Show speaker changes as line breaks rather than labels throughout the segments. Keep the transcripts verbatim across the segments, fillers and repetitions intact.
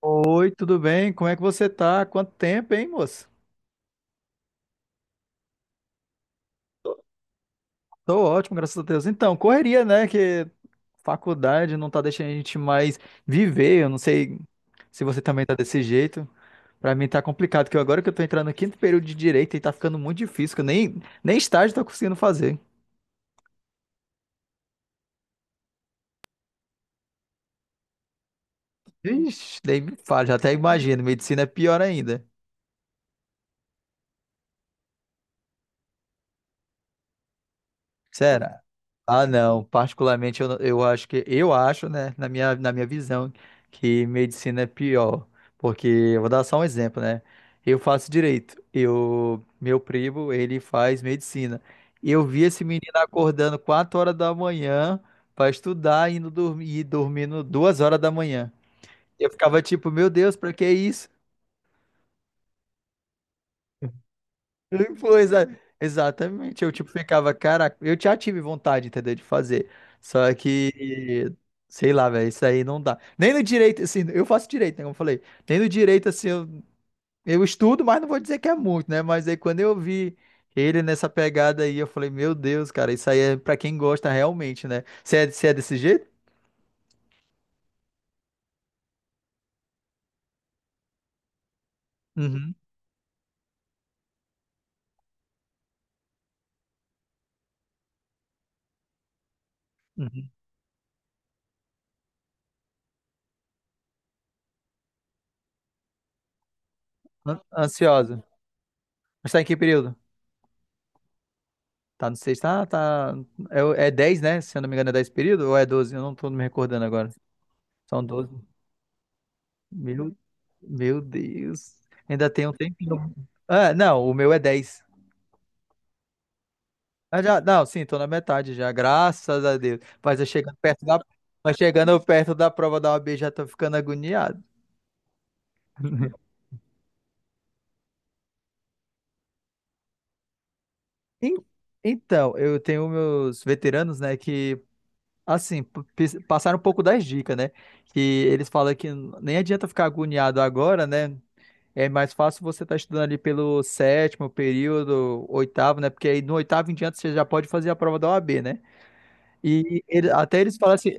Oi, tudo bem? Como é que você tá? Quanto tempo, hein, moço? Tô ótimo, graças a Deus. Então, correria, né? Que faculdade não tá deixando a gente mais viver. Eu não sei se você também tá desse jeito. Pra mim tá complicado, que agora que eu tô entrando no quinto período de direito e tá ficando muito difícil, que eu nem, nem estágio tô conseguindo fazer. Ixi, nem me fala, já até imagino. Medicina é pior ainda. Será? Ah, não. Particularmente, eu, não- eu acho que eu acho, né, na minha, na minha visão, que medicina é pior. Porque eu vou dar só um exemplo, né? Eu faço direito. Eu, meu primo, ele faz medicina. E eu vi esse menino acordando quatro horas da manhã para estudar, indo dormir e dormindo duas horas da manhã. Eu ficava tipo, meu Deus, para que isso? Foi, exa- exatamente. Eu, tipo, ficava, caraca, eu já tive vontade, entendeu, de fazer. Só que, sei lá, velho, isso aí não dá. Nem no direito, assim, eu faço direito, né, como eu falei. Nem no direito, assim, eu, eu estudo, mas não vou dizer que é muito, né? Mas aí quando eu vi ele nessa pegada aí, eu falei, meu Deus, cara, isso aí é pra quem gosta realmente, né? Você é, você é desse jeito? Uhum, uhum. An- Ansiosa. Mas tá em que período? Tá no sexto, ah, tá. É, o- é dez, né? Se eu não me engano, é dez período ou é doze. Eu não tô me recordando agora. São doze. Meu, meu Deus. Ainda tem um tempinho. Ah, não, o meu é dez. Ah, já, não, sim, tô na metade já, graças a Deus. Mas eu chegando perto da, mas chegando perto da prova da O A B já tô ficando agoniado. En- Então, eu tenho meus veteranos, né, que, assim, p- pis- passaram um pouco das dicas, né? Que eles falam que nem adianta ficar agoniado agora, né? É mais fácil você estar estudando ali pelo sétimo período, oitavo, né? Porque aí no oitavo em diante você já pode fazer a prova da O A B, né? E ele- até eles falam assim,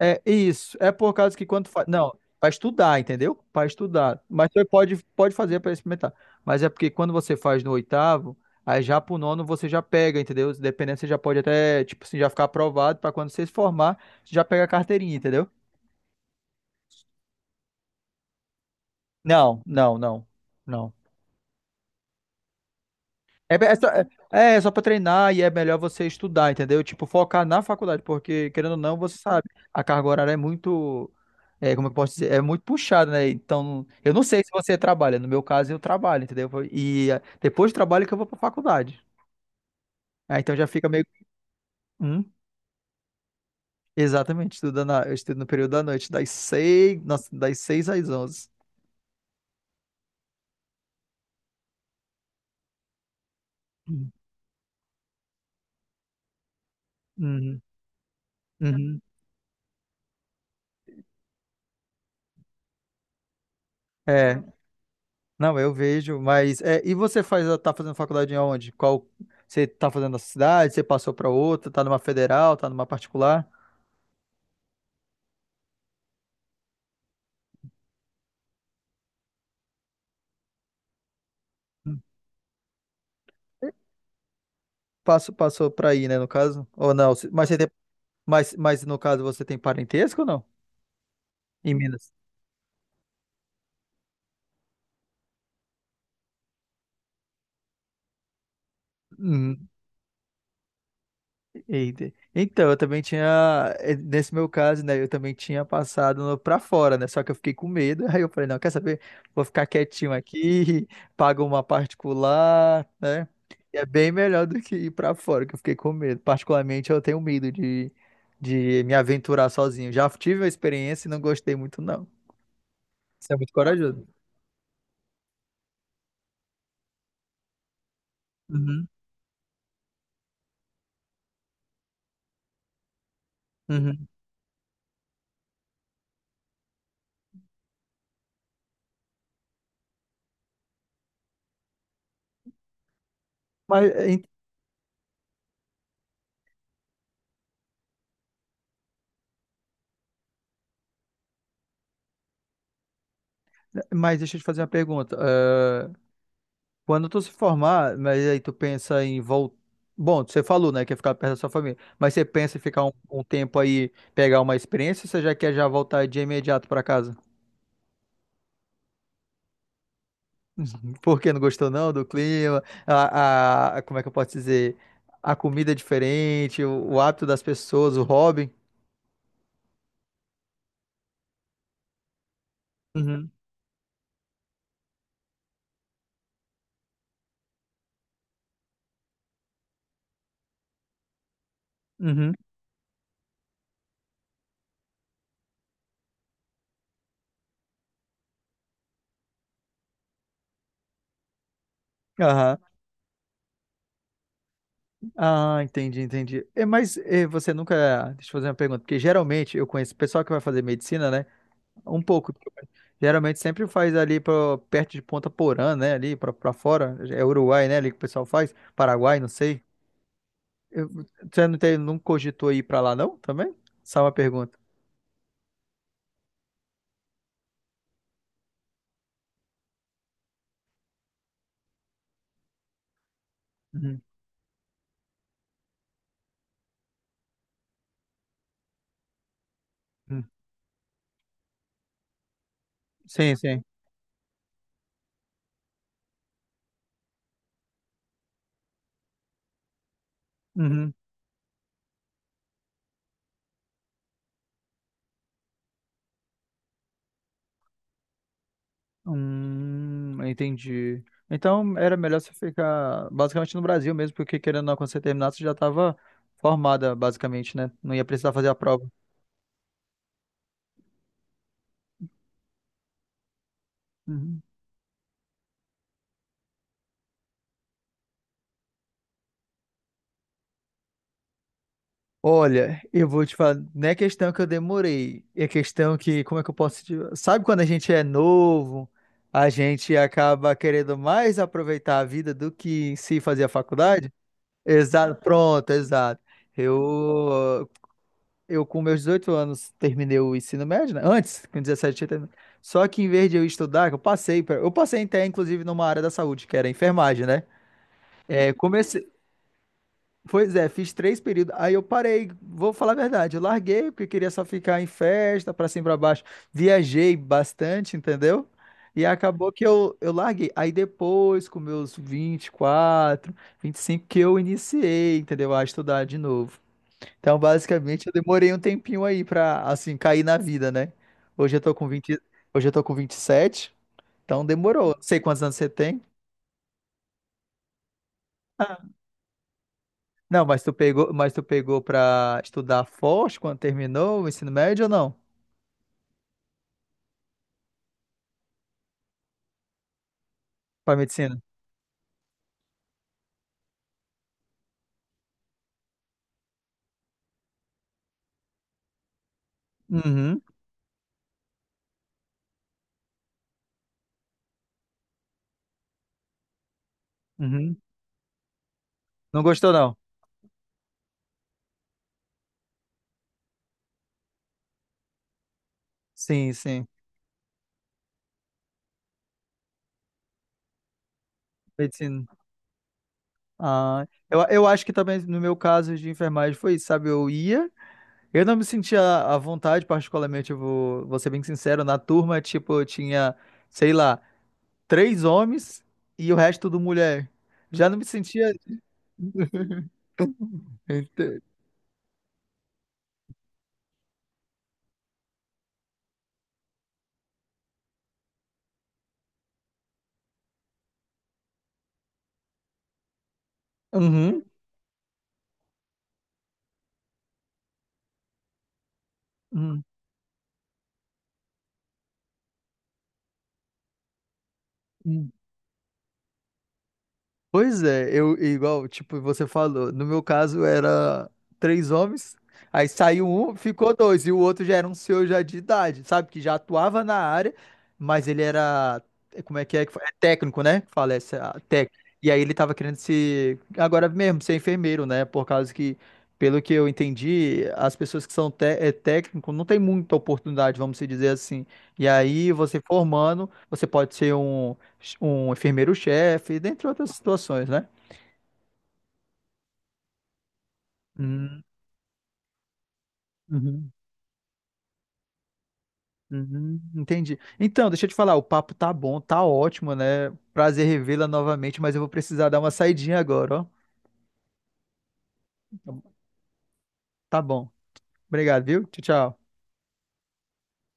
é isso, é por causa que quando faz. Não, para estudar, entendeu? Para estudar. Mas você pode, pode fazer para experimentar. Mas é porque quando você faz no oitavo, aí já pro nono você já pega, entendeu? Dependendo, você já pode até, tipo assim, já ficar aprovado para quando você se formar, você já pega a carteirinha, entendeu? Não, não, não. Não. É, be- é, só, é, é é só pra treinar e é melhor você estudar, entendeu? Tipo, focar na faculdade, porque, querendo ou não, você sabe, a carga horária é muito, é, como eu posso dizer, é muito puxada, né? Então, eu não sei se você trabalha, no meu caso, eu trabalho, entendeu? E é, depois do trabalho que eu vou pra faculdade. Ah, então já fica meio. Hum, Exatamente, estudo na, eu estudo no período da noite, das seis, nossa, das seis às onze. Uhum, uhum. É. Não, eu vejo, mas é, e você faz, eh, tá fazendo faculdade em onde? Qual você tá fazendo na cidade? Você passou para outra? Tá numa federal? Tá numa particular? Hum. Passo, passou para aí, né, no caso? Ou não? Mas você tem, mas, mas no caso você tem parentesco ou não? Em Minas? Eita. Então, eu também tinha, eh, nesse meu caso, né, eu também tinha passado no- pra fora, né, só que eu fiquei com medo, aí eu falei, não, quer saber? Vou ficar quietinho aqui, pago uma particular, né, e é bem melhor do que ir pra fora, que eu fiquei com medo. Particularmente, eu tenho medo de, de me aventurar sozinho. Já tive a experiência e não gostei muito, não. Você é muito corajoso. Uhum, uhum. Mas, eh, mas deixa eu te fazer uma pergunta. eh, Quando tu se formar, mas aí tu pensa em voltar. Bom, você falou, né, que ia ficar perto da sua família. Mas você pensa em ficar um, um tempo aí, pegar uma experiência, ou você já quer já voltar de imediato pra casa? Porque não gostou não do clima? A, a- como é que eu posso dizer? A comida é diferente, o, o hábito das pessoas, o hobby. Uhum, uhum, aham. Ah, entendi, entendi. É, mas é, você nunca. Deixa eu fazer uma pergunta, porque geralmente eu conheço o pessoal que vai fazer medicina, né? Um pouco. Geralmente sempre faz ali pro, perto de Ponta Porã, né? Ali pra, pra fora. É Uruguai, né? Ali que o pessoal faz. Paraguai, não sei. Eu- você não, tem, não cogitou ir pra lá, não? Também? Só uma pergunta. Uhum. Uhum. Sim, sim. Uhum. Hum, entendi. Então era melhor você ficar basicamente no Brasil mesmo, porque querendo ou não, quando você terminasse, você já estava formada, basicamente, né? Não ia precisar fazer a prova. Uhum. Olha, eu vou te falar, não é questão que eu demorei, é questão que, como é que eu posso te. Sabe quando a gente é novo, a gente acaba querendo mais aproveitar a vida do que em si fazer a faculdade? Exato, pronto, exato. Eu, eu com meus dezoito anos terminei o ensino médio, né? Antes, com dezessete eu terminei. Só que em vez de eu estudar, que eu passei, pra- eu passei até inclusive numa área da saúde, que era enfermagem, né? É, comecei. Pois é, fiz três períodos. Aí eu parei, vou falar a verdade, eu larguei porque queria só ficar em festa, pra cima e pra baixo. Viajei bastante, entendeu? E acabou que eu, eu larguei. Aí depois, com meus vinte, vinte e quatro, vinte e cinco que eu iniciei, entendeu? A estudar de novo. Então, basicamente, eu demorei um tempinho aí pra, assim, cair na vida, né? Hoje eu tô com vinte hoje eu tô com vinte e sete, então demorou. Não sei quantos anos você tem. Não, mas tu pegou, mas tu pegou pra estudar forte quando terminou o ensino médio ou não? Pra medicina? Uhum, uhum. Não gostou, não? Sim, sim. Medicina. Ah, eu, eu acho que também no meu caso de enfermagem foi isso, sabe? Eu ia, eu não me sentia à vontade, particularmente, eu vou, vou ser bem sincero, na turma, tipo, eu tinha, sei lá, três homens e o resto tudo mulher. Já não me sentia. Ente- Uhum. Uhum. Uhum. Pois é, eu igual, tipo, você falou, no meu caso era três homens, aí saiu um, ficou dois, e o outro já era um senhor já de idade, sabe? Que já atuava na área, mas ele era, é, como é que é que fala? É técnico, né? Que fala essa, técnico. E aí ele tava querendo se, agora mesmo, ser enfermeiro, né? Por causa que, pelo que eu entendi, as pessoas que são té- é, técnico não tem muita oportunidade, vamos se dizer assim. E aí você formando, você pode ser um um enfermeiro-chefe, dentre outras situações, né? Hum, uhum, uhum, entendi. Então, deixa eu te falar, o papo tá bom, tá ótimo, né? Prazer revê-la novamente, mas eu vou precisar dar uma saidinha agora, ó. Tá bom. Obrigado, viu? Tchau, tchau.